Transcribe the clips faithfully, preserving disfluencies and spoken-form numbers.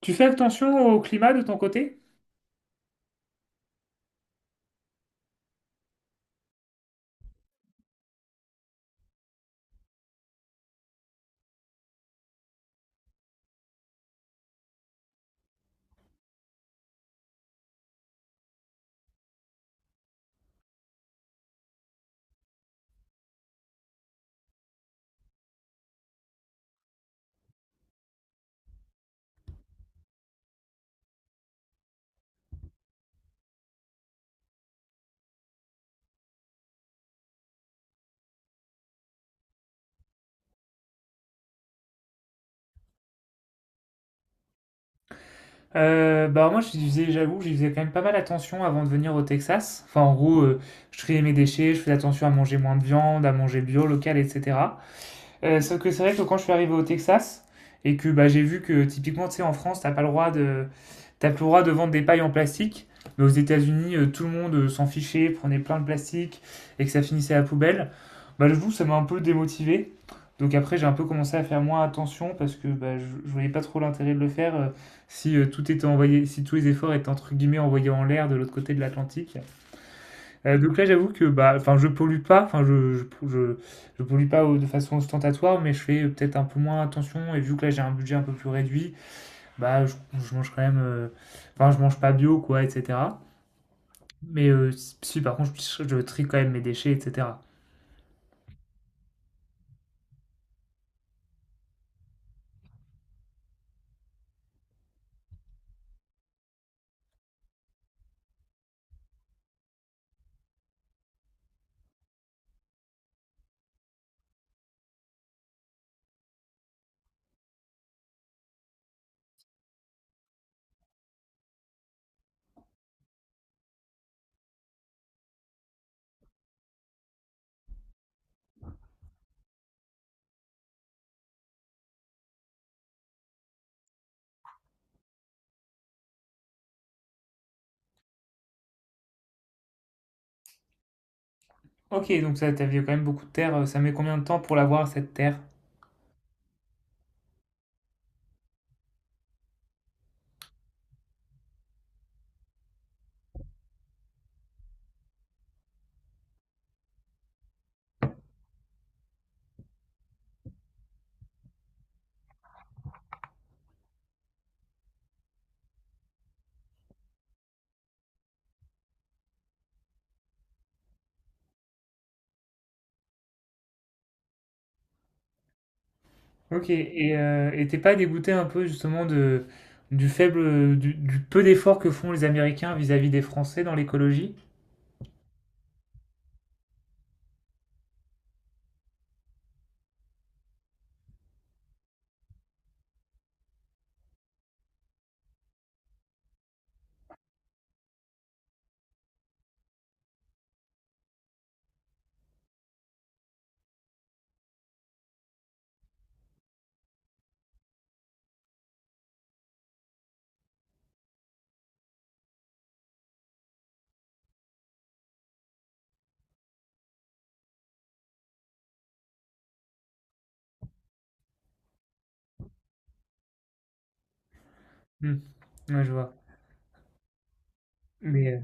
Tu fais attention au climat de ton côté? Euh, bah moi, j'y faisais, j'avoue, j'y faisais quand même pas mal attention avant de venir au Texas. Enfin, en gros, euh, je triais mes déchets, je faisais attention à manger moins de viande, à manger bio, local, et cétéra. Euh, sauf que c'est vrai que quand je suis arrivé au Texas et que bah, j'ai vu que typiquement, tu sais, en France, t'as pas le droit de, t'as plus le droit de vendre des pailles en plastique. Mais aux États-Unis, euh, tout le monde euh, s'en fichait, prenait plein de plastique et que ça finissait à la poubelle. Bah, j'avoue, ça m'a un peu démotivé. Donc après, j'ai un peu commencé à faire moins attention parce que bah, je, je voyais pas trop l'intérêt de le faire euh, si euh, tout était envoyé, si tous les efforts étaient entre guillemets envoyés en l'air de l'autre côté de l'Atlantique. Euh, donc là, j'avoue que bah, enfin, je pollue pas, enfin, je, je, je, je pollue pas au- de façon ostentatoire, mais je fais euh, peut-être un peu moins attention. Et vu que là, j'ai un budget un peu plus réduit, bah, je, je mange quand même, euh, enfin, je mange pas bio, quoi, et cétéra. Mais euh, si, si, par contre, je, je trie quand même mes déchets, et cétéra. Ok, donc ça, t'avais quand même beaucoup de terre. euh, Ça met combien de temps pour l'avoir, cette terre? Ok, et euh, et t'es pas dégoûté un peu justement de, du faible, du, du peu d'efforts que font les Américains vis-à-vis des Français dans l'écologie? Hmm, ouais, je vois. Mais euh,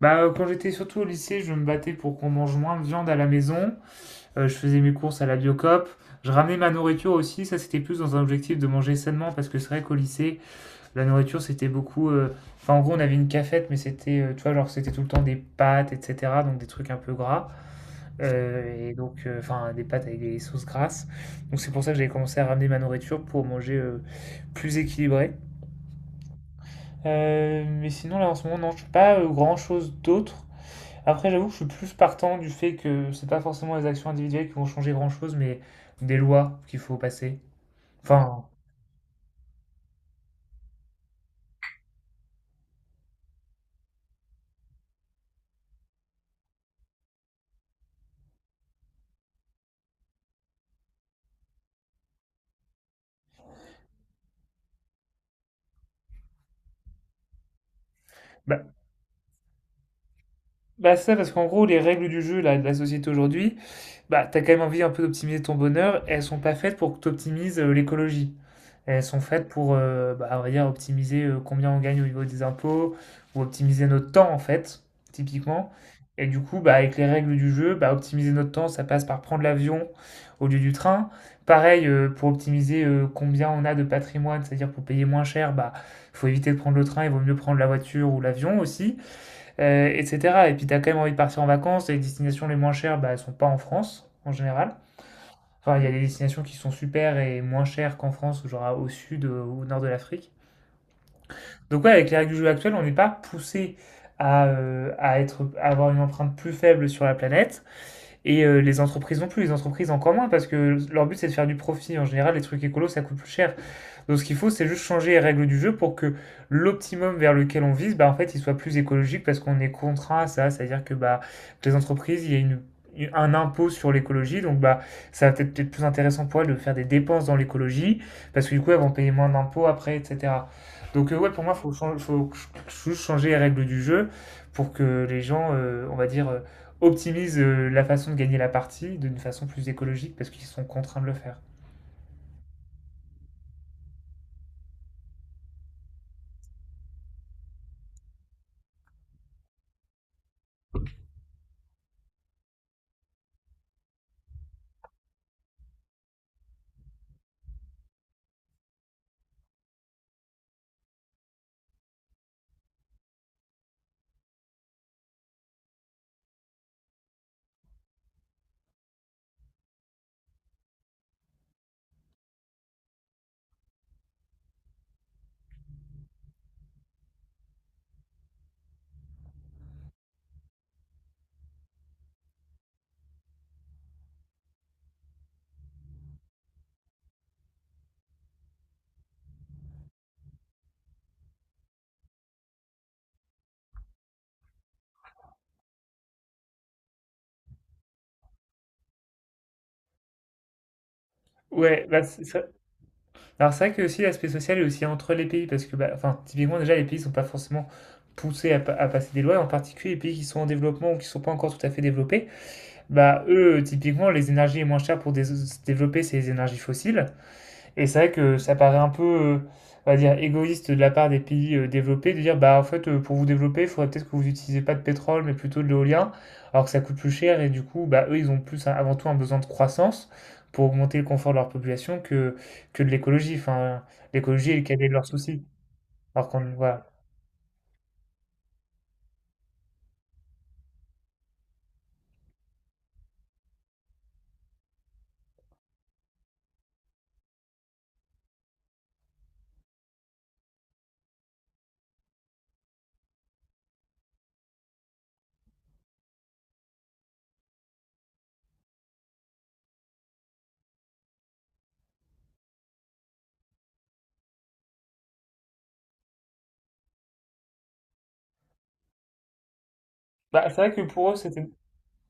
Bah, euh, quand j'étais surtout au lycée, je me battais pour qu'on mange moins de viande à la maison. Euh, je faisais mes courses à la Biocoop. Je ramenais ma nourriture aussi. Ça, c'était plus dans un objectif de manger sainement parce que c'est vrai qu'au lycée, la nourriture, c'était beaucoup. euh, Enfin, en gros, on avait une cafette, mais c'était, euh, tu vois, genre, c'était tout le temps des pâtes, et cétéra. Donc, des trucs un peu gras. Euh, et donc, euh, enfin, des pâtes avec des sauces grasses. Donc, c'est pour ça que j'ai commencé à ramener ma nourriture pour manger euh, plus équilibré. Euh, mais sinon, là, en ce moment, non, je fais pas grand chose d'autre. Après, j'avoue que je suis plus partant du fait que c'est pas forcément les actions individuelles qui vont changer grand-chose, mais des lois qu'il faut passer. Enfin, bah, Bah ça, parce qu'en gros, les règles du jeu là, de la société aujourd'hui, bah t'as quand même envie un peu d'optimiser ton bonheur, et elles sont pas faites pour que t'optimises euh, l'écologie. Elles sont faites pour, euh, bah, on va dire, optimiser euh, combien on gagne au niveau des impôts, ou optimiser notre temps en fait, typiquement. Et du coup, bah, avec les règles du jeu, bah, optimiser notre temps, ça passe par prendre l'avion au lieu du train. Pareil, euh, pour optimiser euh, combien on a de patrimoine, c'est-à-dire pour payer moins cher, bah, faut éviter de prendre le train, il vaut mieux prendre la voiture ou l'avion aussi euh, et cétéra. Et puis t'as quand même envie de partir en vacances, les destinations les moins chères, bah, elles ne sont pas en France, en général. Enfin, il y a des destinations qui sont super et moins chères qu'en France, genre au sud, euh, ou au nord de l'Afrique. Donc ouais, avec les règles du jeu actuelles, on n'est pas poussé à, euh, à être, à avoir une empreinte plus faible sur la planète, et euh, les entreprises non plus, les entreprises encore moins, parce que leur but c'est de faire du profit. En général, les trucs écolos, ça coûte plus cher. Donc ce qu'il faut, c'est juste changer les règles du jeu pour que l'optimum vers lequel on vise, bah, en fait, il soit plus écologique parce qu'on est contraint à ça. C'est-à-dire que bah, les entreprises, il y a une, un impôt sur l'écologie, donc bah, ça va peut-être être plus intéressant pour elles de faire des dépenses dans l'écologie parce que du coup, elles vont payer moins d'impôts après, et cétéra. Donc euh, ouais, pour moi, il faut, chan- faut ch- juste changer les règles du jeu pour que les gens, euh, on va dire, euh, optimisent euh, la façon de gagner la partie d'une façon plus écologique parce qu'ils sont contraints de le faire. Ouais, bah, c'est c'est Alors c'est vrai que aussi l'aspect social est aussi entre les pays, parce que bah, enfin, typiquement déjà les pays sont pas forcément poussés à, pa- à passer des lois, en particulier les pays qui sont en développement ou qui sont pas encore tout à fait développés, bah eux typiquement les énergies les moins chères pour dés- se développer c'est les énergies fossiles, et c'est vrai que ça paraît un peu, euh, on va dire, égoïste de la part des pays euh, développés de dire, bah en fait, euh, pour vous développer, il faudrait peut-être que vous n'utilisez pas de pétrole, mais plutôt de l'éolien, alors que ça coûte plus cher et du coup, bah eux, ils ont plus un- avant tout un besoin de croissance pour augmenter le confort de leur population que, que de l'écologie. Enfin, l'écologie est le cadet de leurs soucis. Alors qu'on, voilà. Bah, c'est vrai que pour eux, c'était,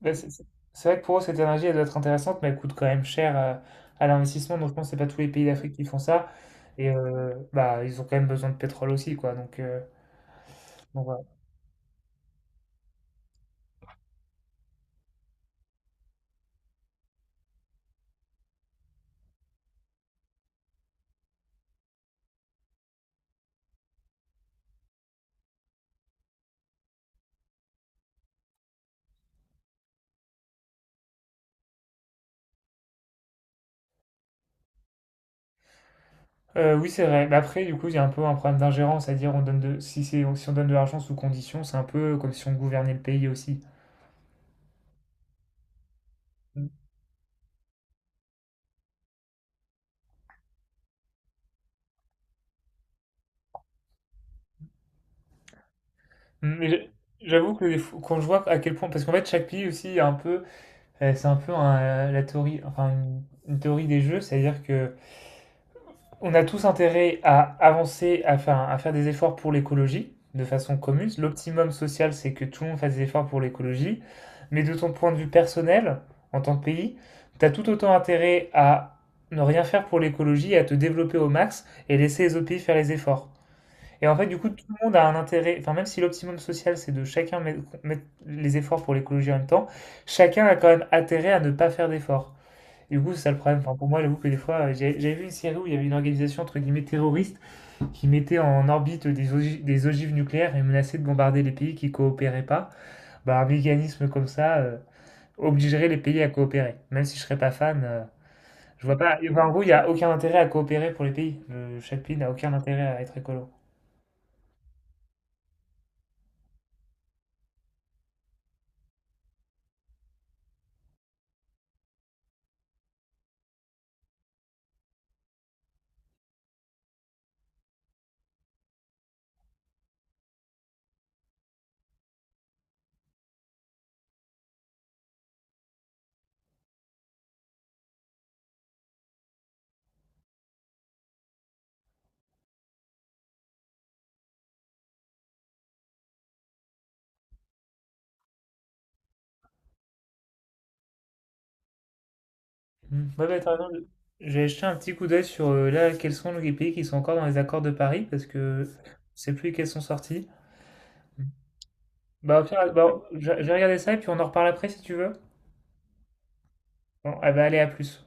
bah, c'est c'est- c'est vrai que pour eux, cette énergie, elle doit être intéressante, mais elle coûte quand même cher euh, à l'investissement. Donc je pense que c'est pas tous les pays d'Afrique qui font ça. Et euh, bah, ils ont quand même besoin de pétrole aussi, quoi. Donc, euh, Donc, voilà. Euh, oui, c'est vrai. Mais après, du coup, il y a un peu un problème d'ingérence, c'est-à-dire on donne de... si c'est... si on donne de l'argent sous condition, c'est un peu comme si on gouvernait le pays aussi. Mm. Mais j'a- j'avoue que des fois- quand je vois à quel point, parce qu'en fait chaque pays aussi a un peu, euh, c'est un peu un, euh, la théorie, enfin une, une théorie des jeux, c'est-à-dire que on a tous intérêt à avancer, à faire, à faire des efforts pour l'écologie de façon commune. L'optimum social, c'est que tout le monde fasse des efforts pour l'écologie. Mais de ton point de vue personnel, en tant que pays, tu as tout autant intérêt à ne rien faire pour l'écologie, à te développer au max et laisser les autres pays faire les efforts. Et en fait, du coup, tout le monde a un intérêt, enfin, même si l'optimum social, c'est de chacun mettre mettre les efforts pour l'écologie en même temps, chacun a quand même intérêt à ne pas faire d'efforts. Du coup, c'est ça le problème. Enfin, pour moi, j'avoue que des fois, euh, j'ai- j'avais vu une série où il y avait une organisation entre guillemets terroriste qui mettait en orbite des, ogi- des ogives nucléaires et menaçait de bombarder les pays qui coopéraient pas. Bah, un mécanisme comme ça euh, obligerait les pays à coopérer. Même si je serais pas fan, euh, je vois pas. Enfin, en gros, il n'y a aucun intérêt à coopérer pour les pays. Le- chaque pays n'a aucun intérêt à être écolo. Hmm. Ouais, bah, t'as raison. J'ai jeté un petit coup d'œil sur euh, là, quels sont les pays qui sont encore dans les accords de Paris parce que je sais plus lesquels sont sortis. Bah, au pire, bah, je je vais regarder ça et puis on en reparle après si tu veux. Bon, ah bah, allez, à plus.